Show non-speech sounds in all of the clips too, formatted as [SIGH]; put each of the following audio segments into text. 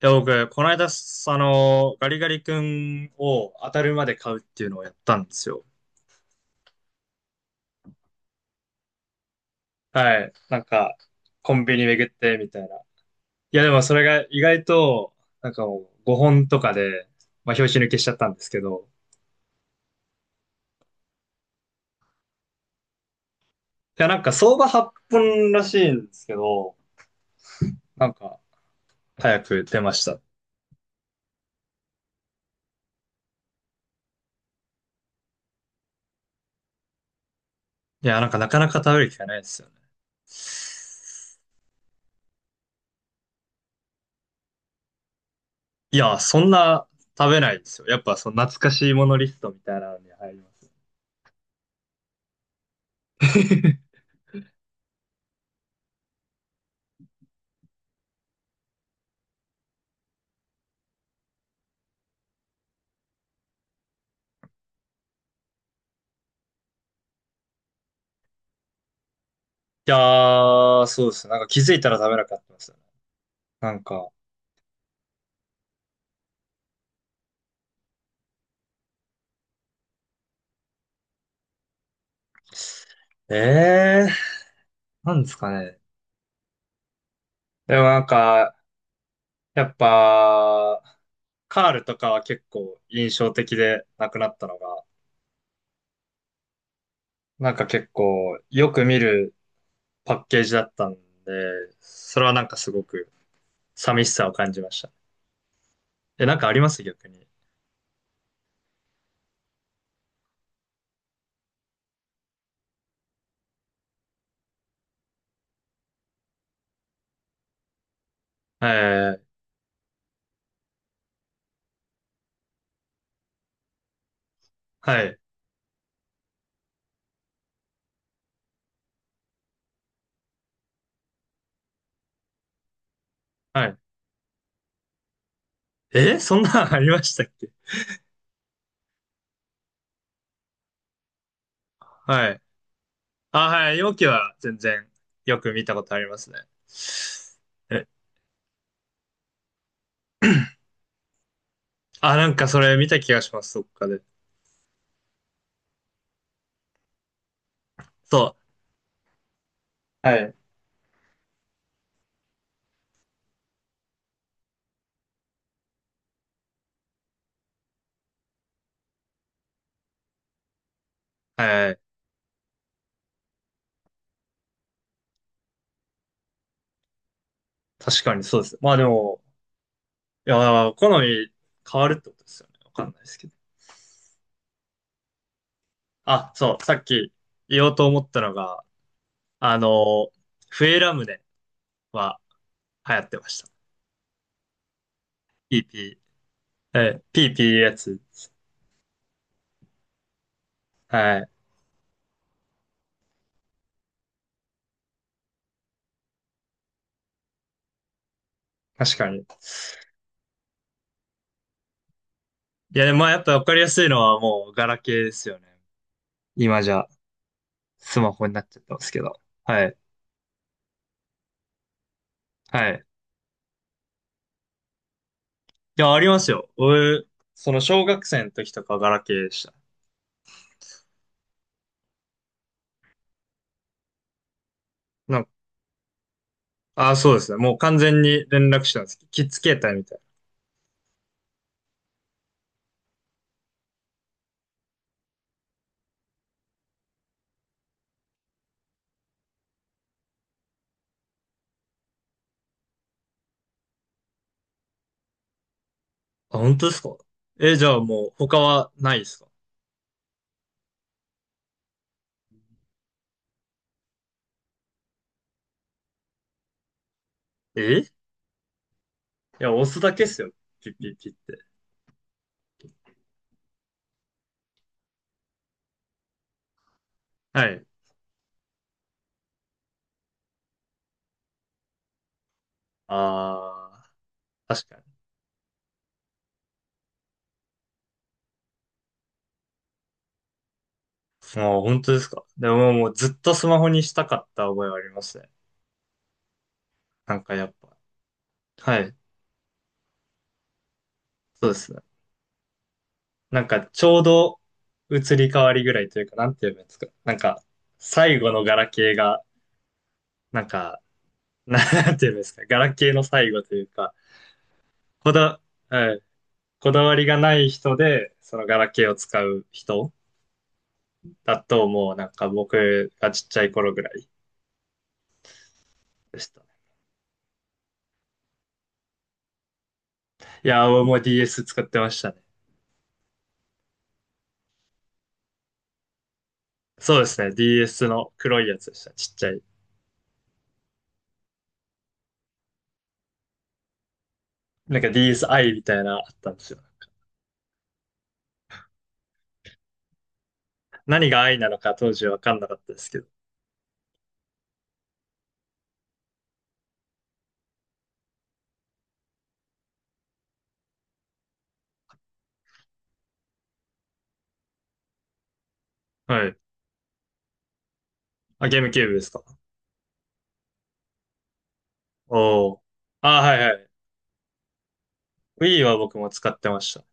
や、僕、この間、すあの、ガリガリ君を当たるまで買うっていうのをやったんですよ。はい。なんか、コンビニ巡って、みたいな。いや、でもそれが意外と、なんかもう5本とかで、まあ、拍子抜けしちゃったんですけど。いや、なんか相場8本らしいんですけど、なんか、早く出ました。いや、なんかなかなか食べる機会ないですよね。いや、そんな食べないですよ。やっぱ、その懐かしいものリストみたいなのに入ります。いやー、そうですね。なんか気づいたら食べなかったですよね。なんか、えー、なんですかね。でもなんか、やっぱ、カールとかは結構印象的でなくなったのが、なんか結構よく見るパッケージだったんで、それはなんかすごく寂しさを感じましたね。え、なんかあります逆に？えー、はい、はい。そんなんありましたっけ？はい。あ、はい、容器は全然よく見たことありますね。え、あ、なんかそれ見た気がします、そっかで。そう。はい。はい。確かにそうです。まあでも、いや、好み変わるってことですよね。わかんないですけど。あ、そう、さっき言おうと思ったのが、あの、笛ラムネは流行ってました。PP。え、PP いピーピーやつ。はい。確かに。いや、でもまあやっぱわかりやすいのはもうガラケーですよね。今じゃ。スマホになっちゃってますけど。はい。はい。いや、ありますよ。俺、その小学生の時とかはガラケーでした。なんか、ああ、そうですね。もう完全に連絡手段です。キッズ携帯みたいな。あ、本当ですか？え、じゃあもう他はないですか？いや、押すだけっすよ。ピッピッピッって。はい。ああ、確かに。もう本当ですか？でももうずっとスマホにしたかった覚えはありますね。なんかやっぱ。はい。そうですね。なんか、ちょうど移り変わりぐらいというか、なんて言えばいいんですか？なんか、最後のガラケーが、なんか、[LAUGHS] なんて言えばいいんですか？ガラケーの最後というか、こだ、はい、こだわりがない人で、そのガラケーを使う人だと、もうなんか僕がちっちゃい頃ぐらいでした。いやー、もう DS 使ってましたね。そうですね。DS の黒いやつでした。ちっちゃい。なんか DSi みたいなのあったんですよ。何が i なのか当時わかんなかったですけど。はい。あ、ゲームキューブですか？おー。あ、はいはい。Wii は僕も使ってました。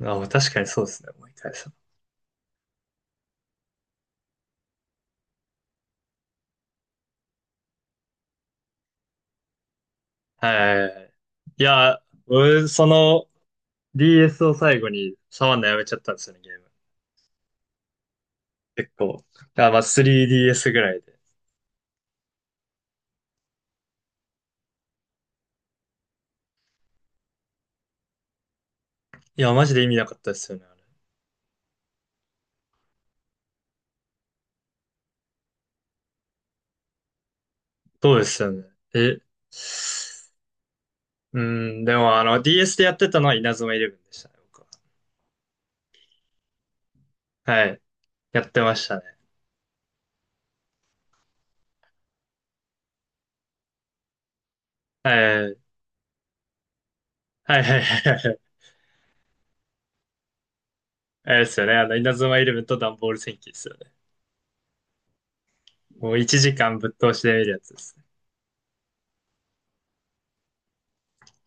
あ、もう確かにそうですね、思い返せば。はいはいはい。いや、俺、その DS を最後に触んのやめちゃったんですよね、ゲーム。結構。あ、まあ 3DS ぐらいで。いや、マジで意味なかったですよね、あれ。そうですよね。え、うん、でもあの DS でやってたのは稲妻イレブンでしたね、僕は。はい。やってましたね。はい。はいはいはいはい。あれですよね、あの稲妻イレブンとダンボール戦記ですよね。もう1時間ぶっ通しで見るやつですね。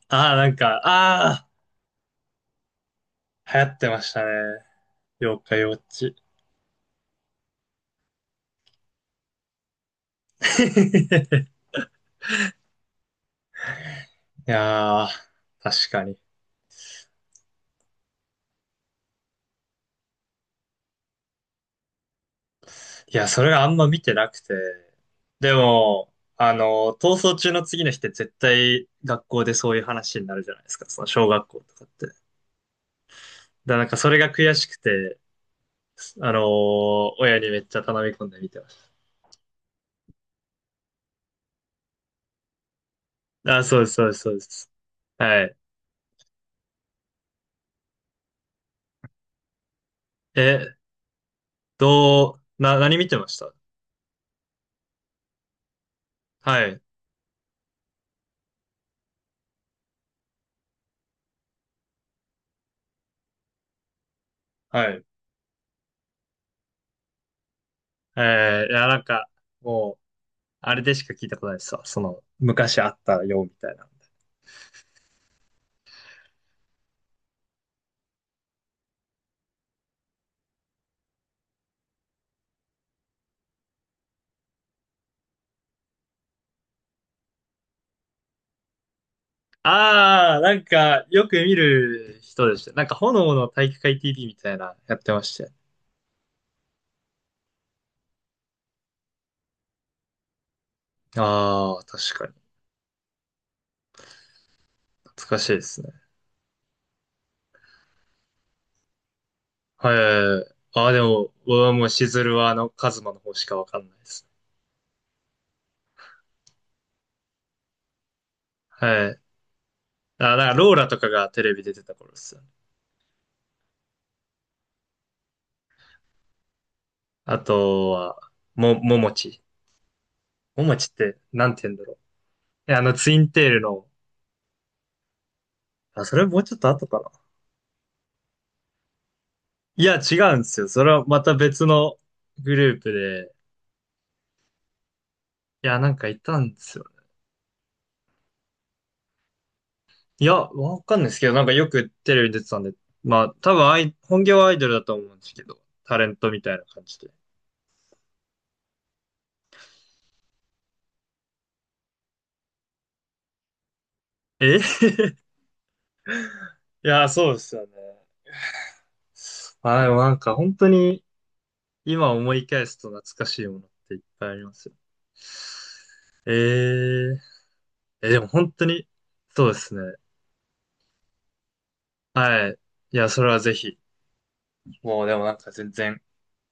ああ、なんか、ああ、流行ってましたね。妖怪ウォッチ。[LAUGHS] いやー、確かに。いや、それがあんま見てなくて。でも、逃走中の次の日って絶対学校でそういう話になるじゃないですか。その小学校とかって。だからなんかそれが悔しくて、あのー親にめっちゃ頼み込んで見てました。あ、そうです、そうです、そうです。はい。え、どう、な、何見てました？はい、はい。いや、なんか、もう、あれでしか聞いたことないですわ。その、昔あったよ、みたいな。ああ、なんか、よく見る人でした。なんか、炎の体育会 TV みたいな、やってまして。ああ、確かに。懐かしいですね。はい。ああ、でも、僕はもう、しずるは、カズマの方しかわかんないです。はい。あ、なんか、ローラとかがテレビで出てた頃ですよね。あとは、ももち。ももちって、なんて言うんだろう。えあの、ツインテールの、あ、それもうちょっと後かな。いや、違うんですよ。それはまた別のグループで。いや、なんかいたんですよね。いや、わかんないですけど、なんかよくテレビに出てたんで。まあ、多分本業はアイドルだと思うんですけど、タレントみたいな感じで。え [LAUGHS] いや、そうですよね。まあ、でもなんか本当に今思い返すと懐かしいものっていっぱいありますよ。えー、え、でも本当に、そうですね。はい。いや、それはぜひ。もうでもなんか全然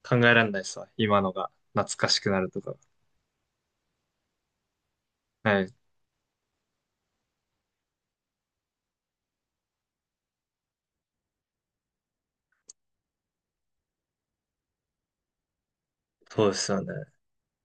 考えられないですわ。今のが懐かしくなるとか。はい。そうですよね。